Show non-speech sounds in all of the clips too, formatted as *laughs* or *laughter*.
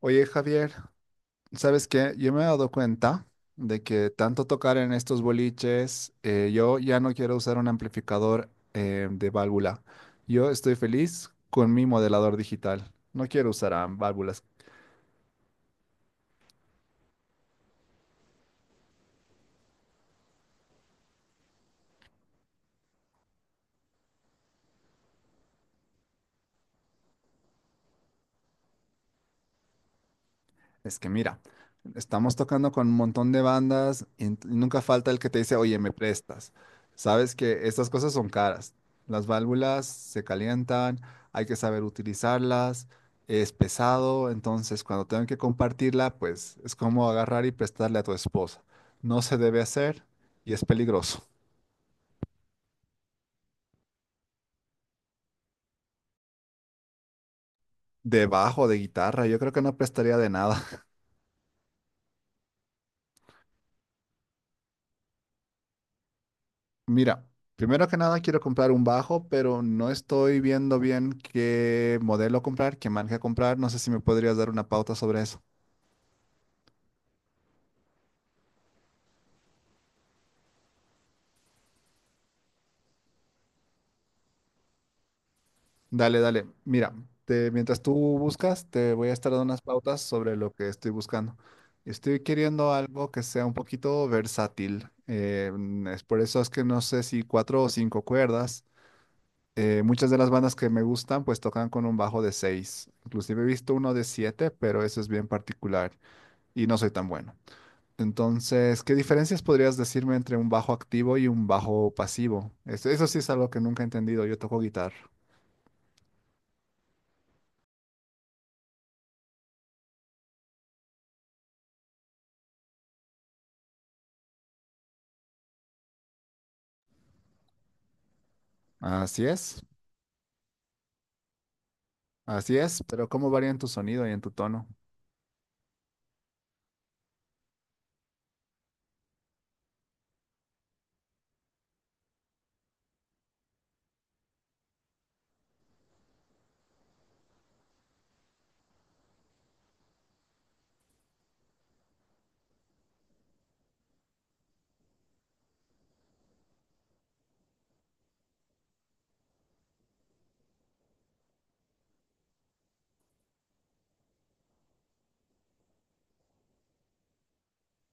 Oye, Javier, ¿sabes qué? Yo me he dado cuenta de que tanto tocar en estos boliches, yo ya no quiero usar un amplificador de válvula. Yo estoy feliz con mi modelador digital. No quiero usar válvulas. Es que mira, estamos tocando con un montón de bandas y nunca falta el que te dice, oye, me prestas. Sabes que estas cosas son caras. Las válvulas se calientan, hay que saber utilizarlas, es pesado, entonces cuando tengan que compartirla, pues es como agarrar y prestarle a tu esposa. No se debe hacer y es peligroso. Debajo de guitarra, yo creo que no prestaría de nada. Mira, primero que nada quiero comprar un bajo, pero no estoy viendo bien qué modelo comprar, qué marca comprar. No sé si me podrías dar una pauta sobre eso. Dale, dale. Mira, mientras tú buscas, te voy a estar dando unas pautas sobre lo que estoy buscando. Estoy queriendo algo que sea un poquito versátil. Es por eso es que no sé si cuatro o cinco cuerdas. Muchas de las bandas que me gustan pues tocan con un bajo de seis. Inclusive he visto uno de siete, pero eso es bien particular y no soy tan bueno. Entonces, ¿qué diferencias podrías decirme entre un bajo activo y un bajo pasivo? Eso sí es algo que nunca he entendido. Yo toco guitarra. Así es, así es, pero ¿cómo varían tu sonido y en tu tono?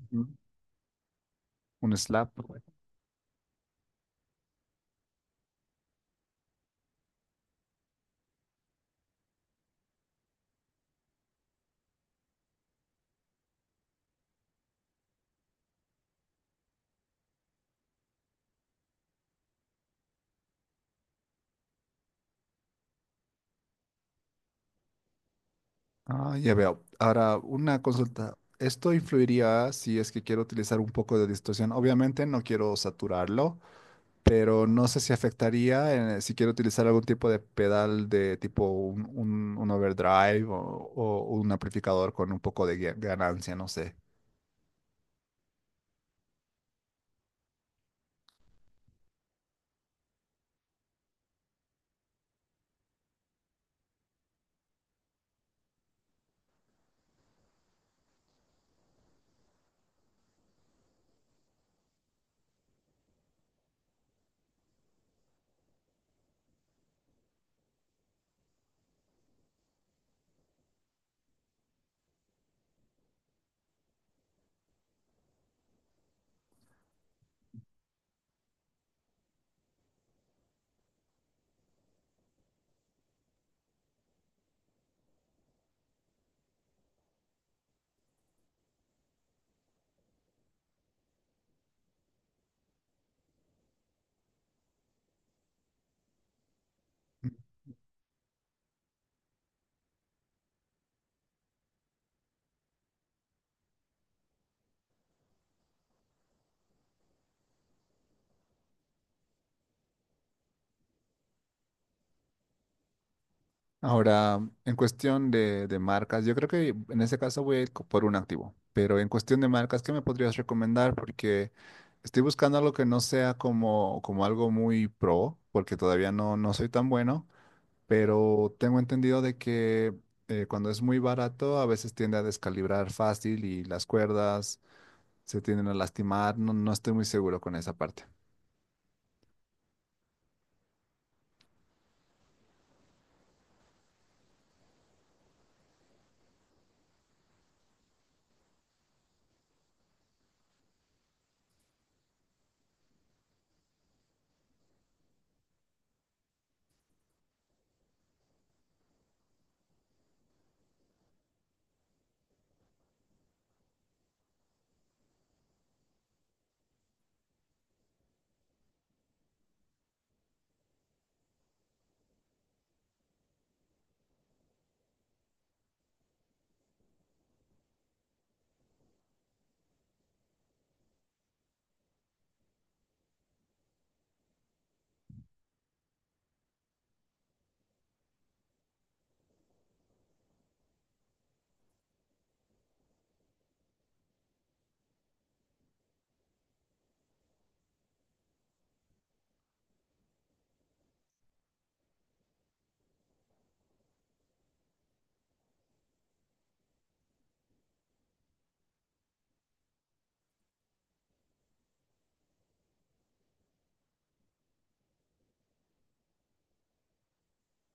Ujú. Un slap. Ah, ya veo. Ahora, una consulta. ¿Esto influiría si es que quiero utilizar un poco de distorsión? Obviamente no quiero saturarlo, pero no sé si afectaría si quiero utilizar algún tipo de pedal de tipo un overdrive o un amplificador con un poco de ganancia, no sé. Ahora, en cuestión de marcas, yo creo que en ese caso voy a ir por un activo, pero en cuestión de marcas, ¿qué me podrías recomendar? Porque estoy buscando algo que no sea como algo muy pro, porque todavía no, no soy tan bueno, pero tengo entendido de que cuando es muy barato a veces tiende a descalibrar fácil y las cuerdas se tienden a lastimar, no, no estoy muy seguro con esa parte.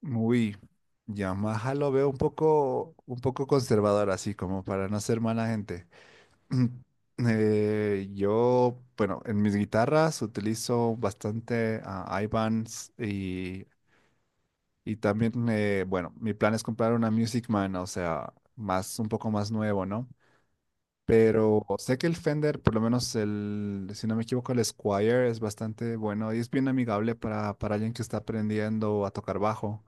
Uy, Yamaha lo veo un poco conservador así, como para no ser mala gente. *clears throat* Yo, bueno, en mis guitarras utilizo bastante a Ibanez y también, bueno, mi plan es comprar una Music Man, o sea, más, un poco más nuevo, ¿no? Pero sé que el Fender, por lo menos el, si no me equivoco, el Squire es bastante bueno y es bien amigable para alguien que está aprendiendo a tocar bajo.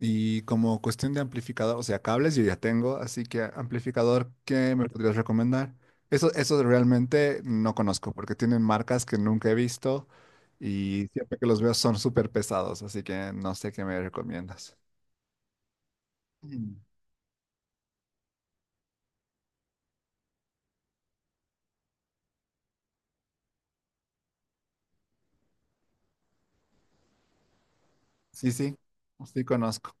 Y como cuestión de amplificador, o sea, cables yo ya tengo, así que amplificador, ¿qué me podrías recomendar? Eso realmente no conozco, porque tienen marcas que nunca he visto y siempre que los veo son súper pesados, así que no sé qué me recomiendas. Mm. Sí, sí, sí conozco.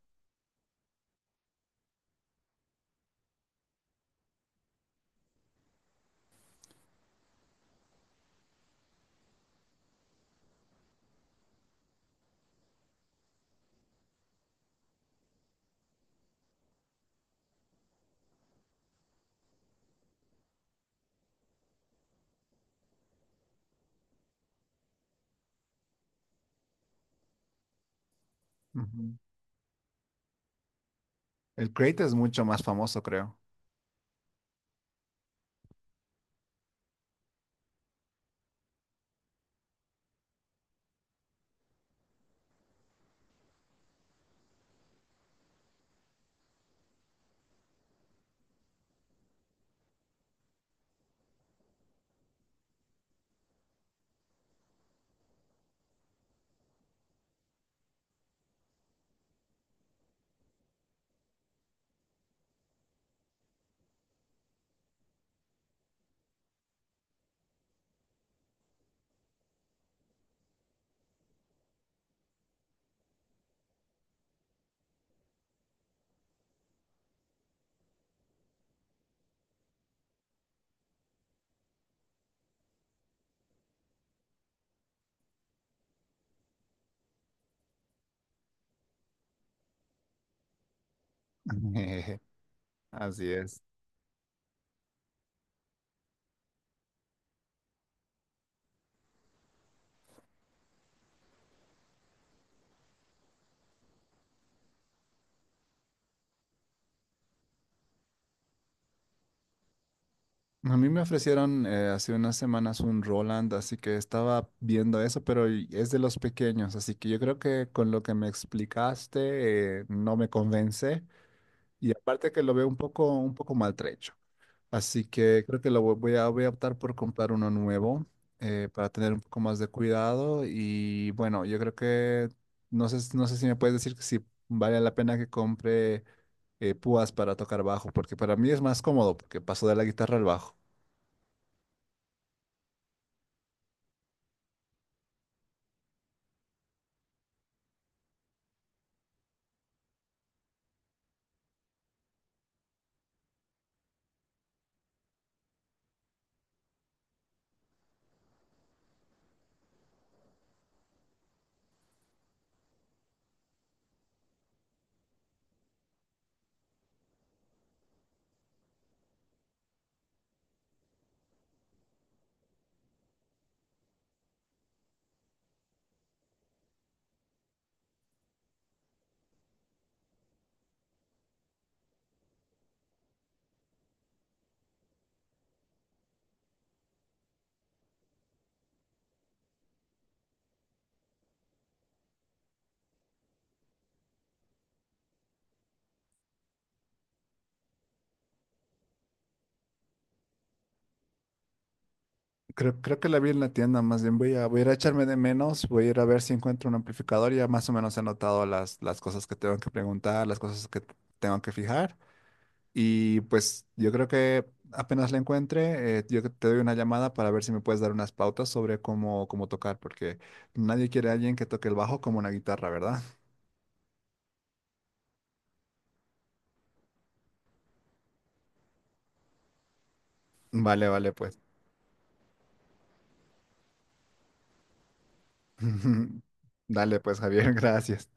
Ujú. El Crate es mucho más famoso, creo. *laughs* Así es. A mí me ofrecieron hace unas semanas un Roland, así que estaba viendo eso, pero es de los pequeños, así que yo creo que con lo que me explicaste no me convence y aparte que lo veo un poco maltrecho, así que creo que lo voy a, optar por comprar uno nuevo para tener un poco más de cuidado y bueno, yo creo que no sé si me puedes decir que si vale la pena que compre púas para tocar bajo, porque para mí es más cómodo, porque paso de la guitarra al bajo. Creo que la vi en la tienda, más bien voy a, ir a echarme de menos, voy a ir a ver si encuentro un amplificador, ya más o menos he anotado las cosas que tengo que preguntar, las cosas que tengo que fijar y pues yo creo que apenas la encuentre, yo te doy una llamada para ver si me puedes dar unas pautas sobre cómo tocar, porque nadie quiere a alguien que toque el bajo como una guitarra, ¿verdad? *laughs* Vale, vale, pues. *laughs* Dale, pues, Javier, *laughs* gracias.